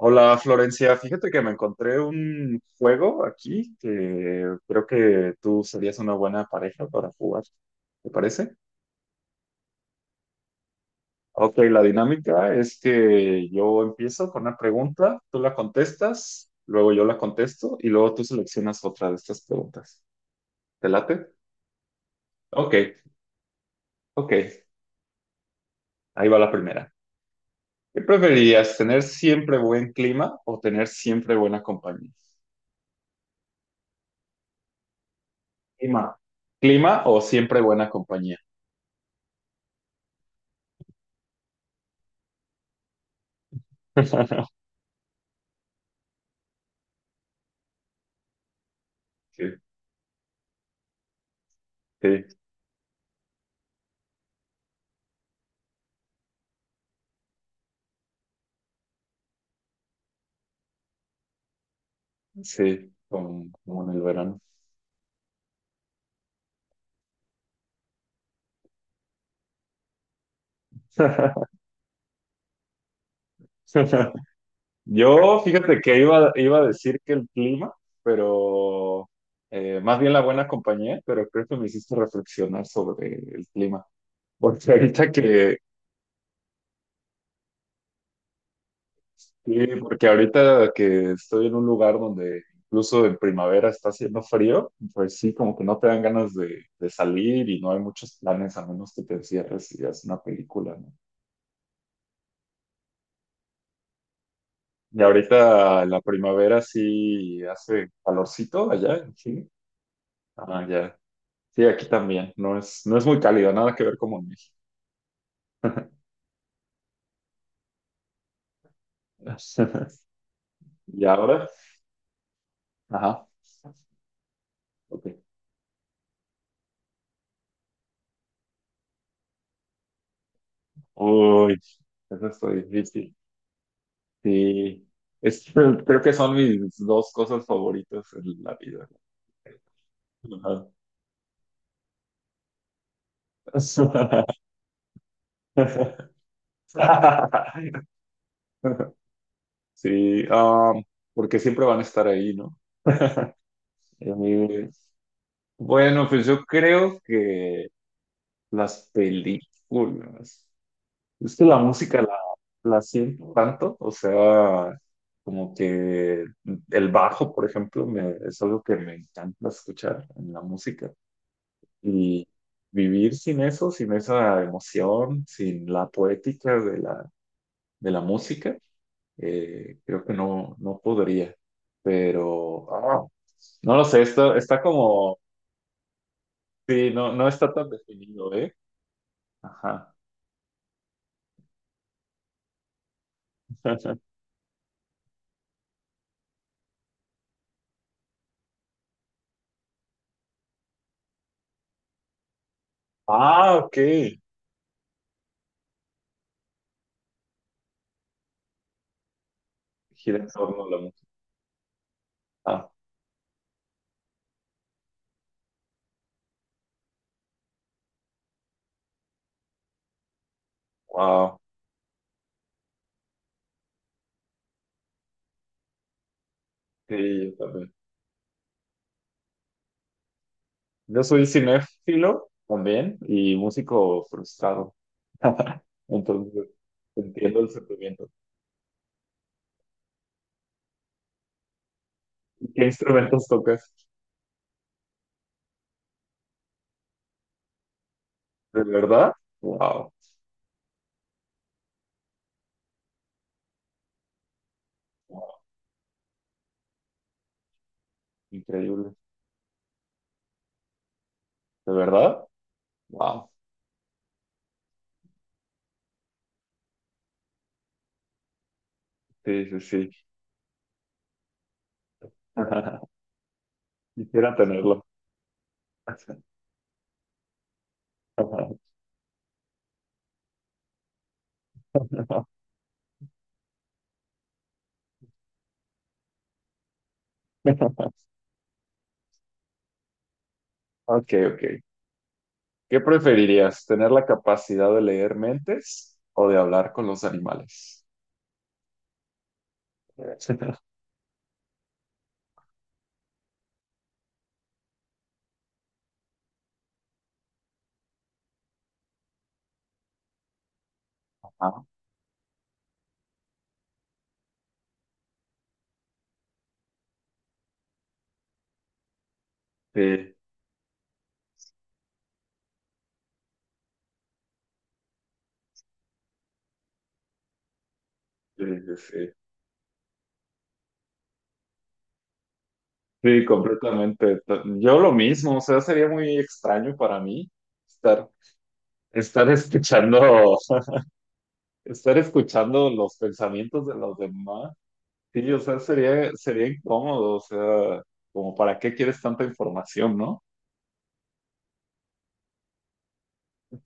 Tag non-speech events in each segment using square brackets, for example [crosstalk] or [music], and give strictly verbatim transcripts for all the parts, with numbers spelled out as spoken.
Hola Florencia, fíjate que me encontré un juego aquí que creo que tú serías una buena pareja para jugar, ¿te parece? Ok, la dinámica es que yo empiezo con una pregunta, tú la contestas, luego yo la contesto y luego tú seleccionas otra de estas preguntas. ¿Te late? Ok, ok, ahí va la primera. ¿Qué preferirías, tener siempre buen clima o tener siempre buena compañía? Clima. ¿Clima o siempre buena compañía? [laughs] Sí, sí, como, como en el verano. [laughs] Yo, fíjate que iba, iba a decir que el clima, pero eh, más bien la buena compañía, pero creo que me hiciste reflexionar sobre el clima. Porque ahorita que, sí, porque ahorita que estoy en un lugar donde incluso en primavera está haciendo frío, pues sí, como que no te dan ganas de, de salir y no hay muchos planes a menos que te encierres y veas una película, ¿no? Y ahorita la primavera sí hace calorcito allá, sí. Ah, ya. Sí, aquí también. No es, no es muy cálido, nada que ver como en México. [laughs] Y ahora, ajá. Ok. Uy, eso está difícil. Sí. Es- [laughs] creo que son mis dos cosas favoritas en la vida. Ajá. [laughs] Sí, ah, porque siempre van a estar ahí, ¿no? Eh, bueno, pues yo creo que las películas. Es que la música la, la siento tanto, o sea, como que el bajo, por ejemplo, me- es algo que me encanta escuchar en la música. Y vivir sin eso, sin esa emoción, sin la poética de la, de la música, eh, creo que no, no podría. Pero, ah, no lo sé, está, está como, sí, no, no está tan definido, ¿eh? Ajá. [laughs] Ah, ok. Gira en torno a la música. Ah, wow, sí, yo también. Yo soy cinéfilo también y músico frustrado. [laughs] Entonces, entiendo el sentimiento. ¿Y ¿qué instrumentos tocas? ¿De verdad? Wow, wow, increíble. ¿De verdad? Wow, sí, sí, sí. [laughs] Quisiera tenerlo. [laughs] Ok, ok. ¿Qué preferirías? ¿Tener la capacidad de leer mentes o de hablar con los animales? [laughs] Ah, sí. Sí, sí, sí. Sí, completamente. To- Yo lo mismo, o sea, sería muy extraño para mí estar, estar escuchando, [laughs] estar escuchando los pensamientos de los demás. Sí, o sea, sería, sería incómodo, o sea, como para qué quieres tanta información, ¿no?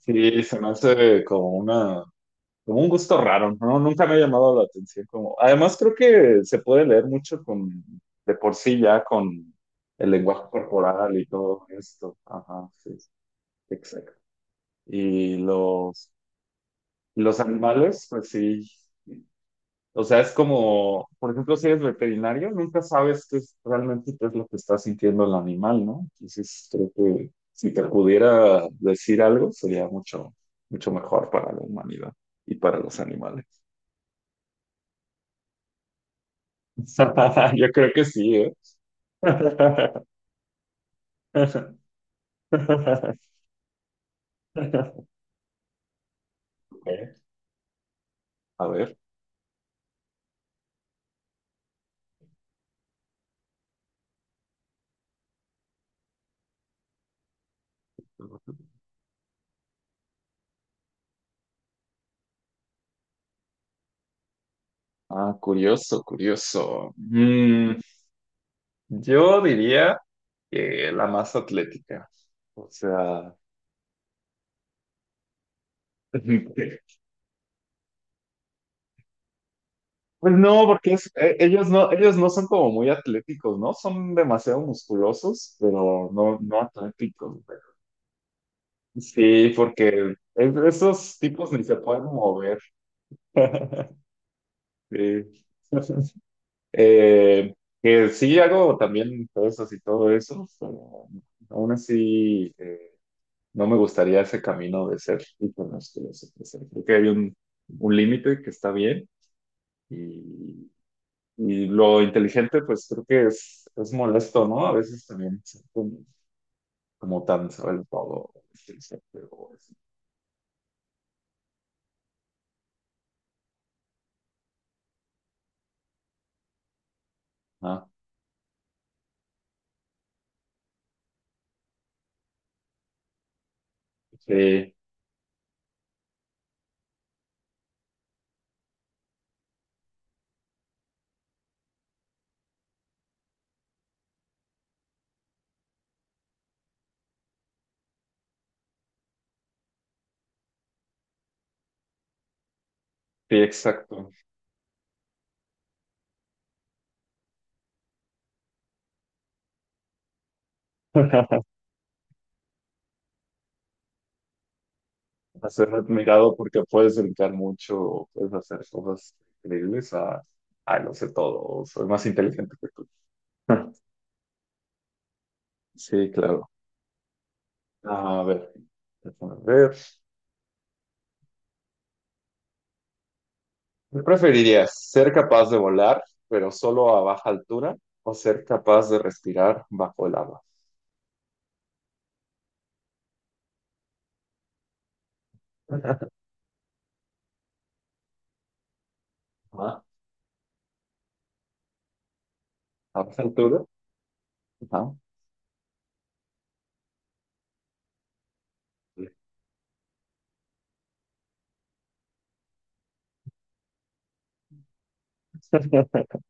Sí, se me hace como una, como un gusto raro, ¿no? Nunca me ha llamado la atención como. Además, creo que se puede leer mucho con, de por sí ya con el lenguaje corporal y todo esto. Ajá, sí. Exacto. Y los, los animales, pues sí. O sea, es como, por ejemplo, si eres veterinario, nunca sabes qué es realmente qué es lo que está sintiendo el animal, ¿no? Entonces, creo que si te pudiera decir algo, sería mucho, mucho mejor para la humanidad y para los animales. [laughs] Yo creo que sí, ¿eh? [laughs] Ok, a ver. Ah, curioso, curioso. Mm, yo diría. Eh, la más atlética. O sea, [laughs] pues no, porque es- eh, ellos no, ellos no son como muy atléticos, ¿no? Son demasiado musculosos, pero no, no atléticos. Pero- sí, porque es- esos tipos ni se pueden mover. [laughs] Sí. [laughs] Eh, que sí hago también cosas y todo eso, pero aún así eh, no me gustaría ese camino de ser hipermusculoso. O sea, creo que hay un, un límite que está bien. Y, y lo inteligente, pues creo que es, es molesto, ¿no? A veces también ser como, como tan sabe todo. Inteligente, o así. Ah, sí, sí, exacto. [laughs] A ser admirado porque puedes brincar mucho, o puedes hacer cosas increíbles a, ah, lo sé todo, o soy más inteligente que tú. [laughs] Sí, claro. A ver, déjame ver. ¿Qué preferirías? ¿Ser capaz de volar, pero solo a baja altura, o ser capaz de respirar bajo el agua? Ajá. A esa altura. Ajá. [laughs]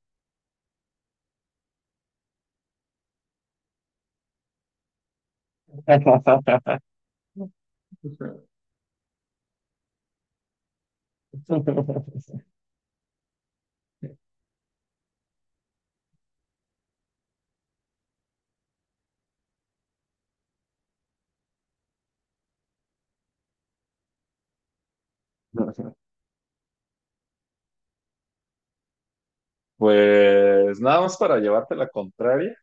Pues nada más para llevarte la contraria,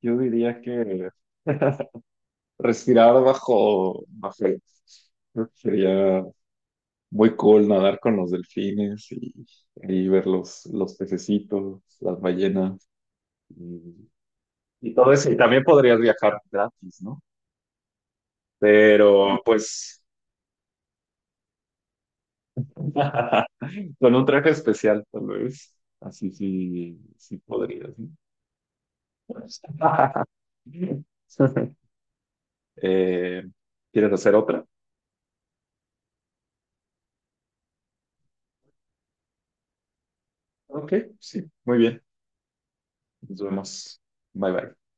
yo diría que respirar bajo, bajo el- creo que sería muy cool nadar con los delfines y, y ver los, los pececitos, las ballenas y, y todo eso. Y también podrías viajar gratis, ¿no? Pero pues [laughs] con un traje especial, tal vez. Así sí, sí podría, sí. [laughs] Eh, ¿quieres hacer otra? Ok, sí, muy bien. Nos vemos. Bye bye.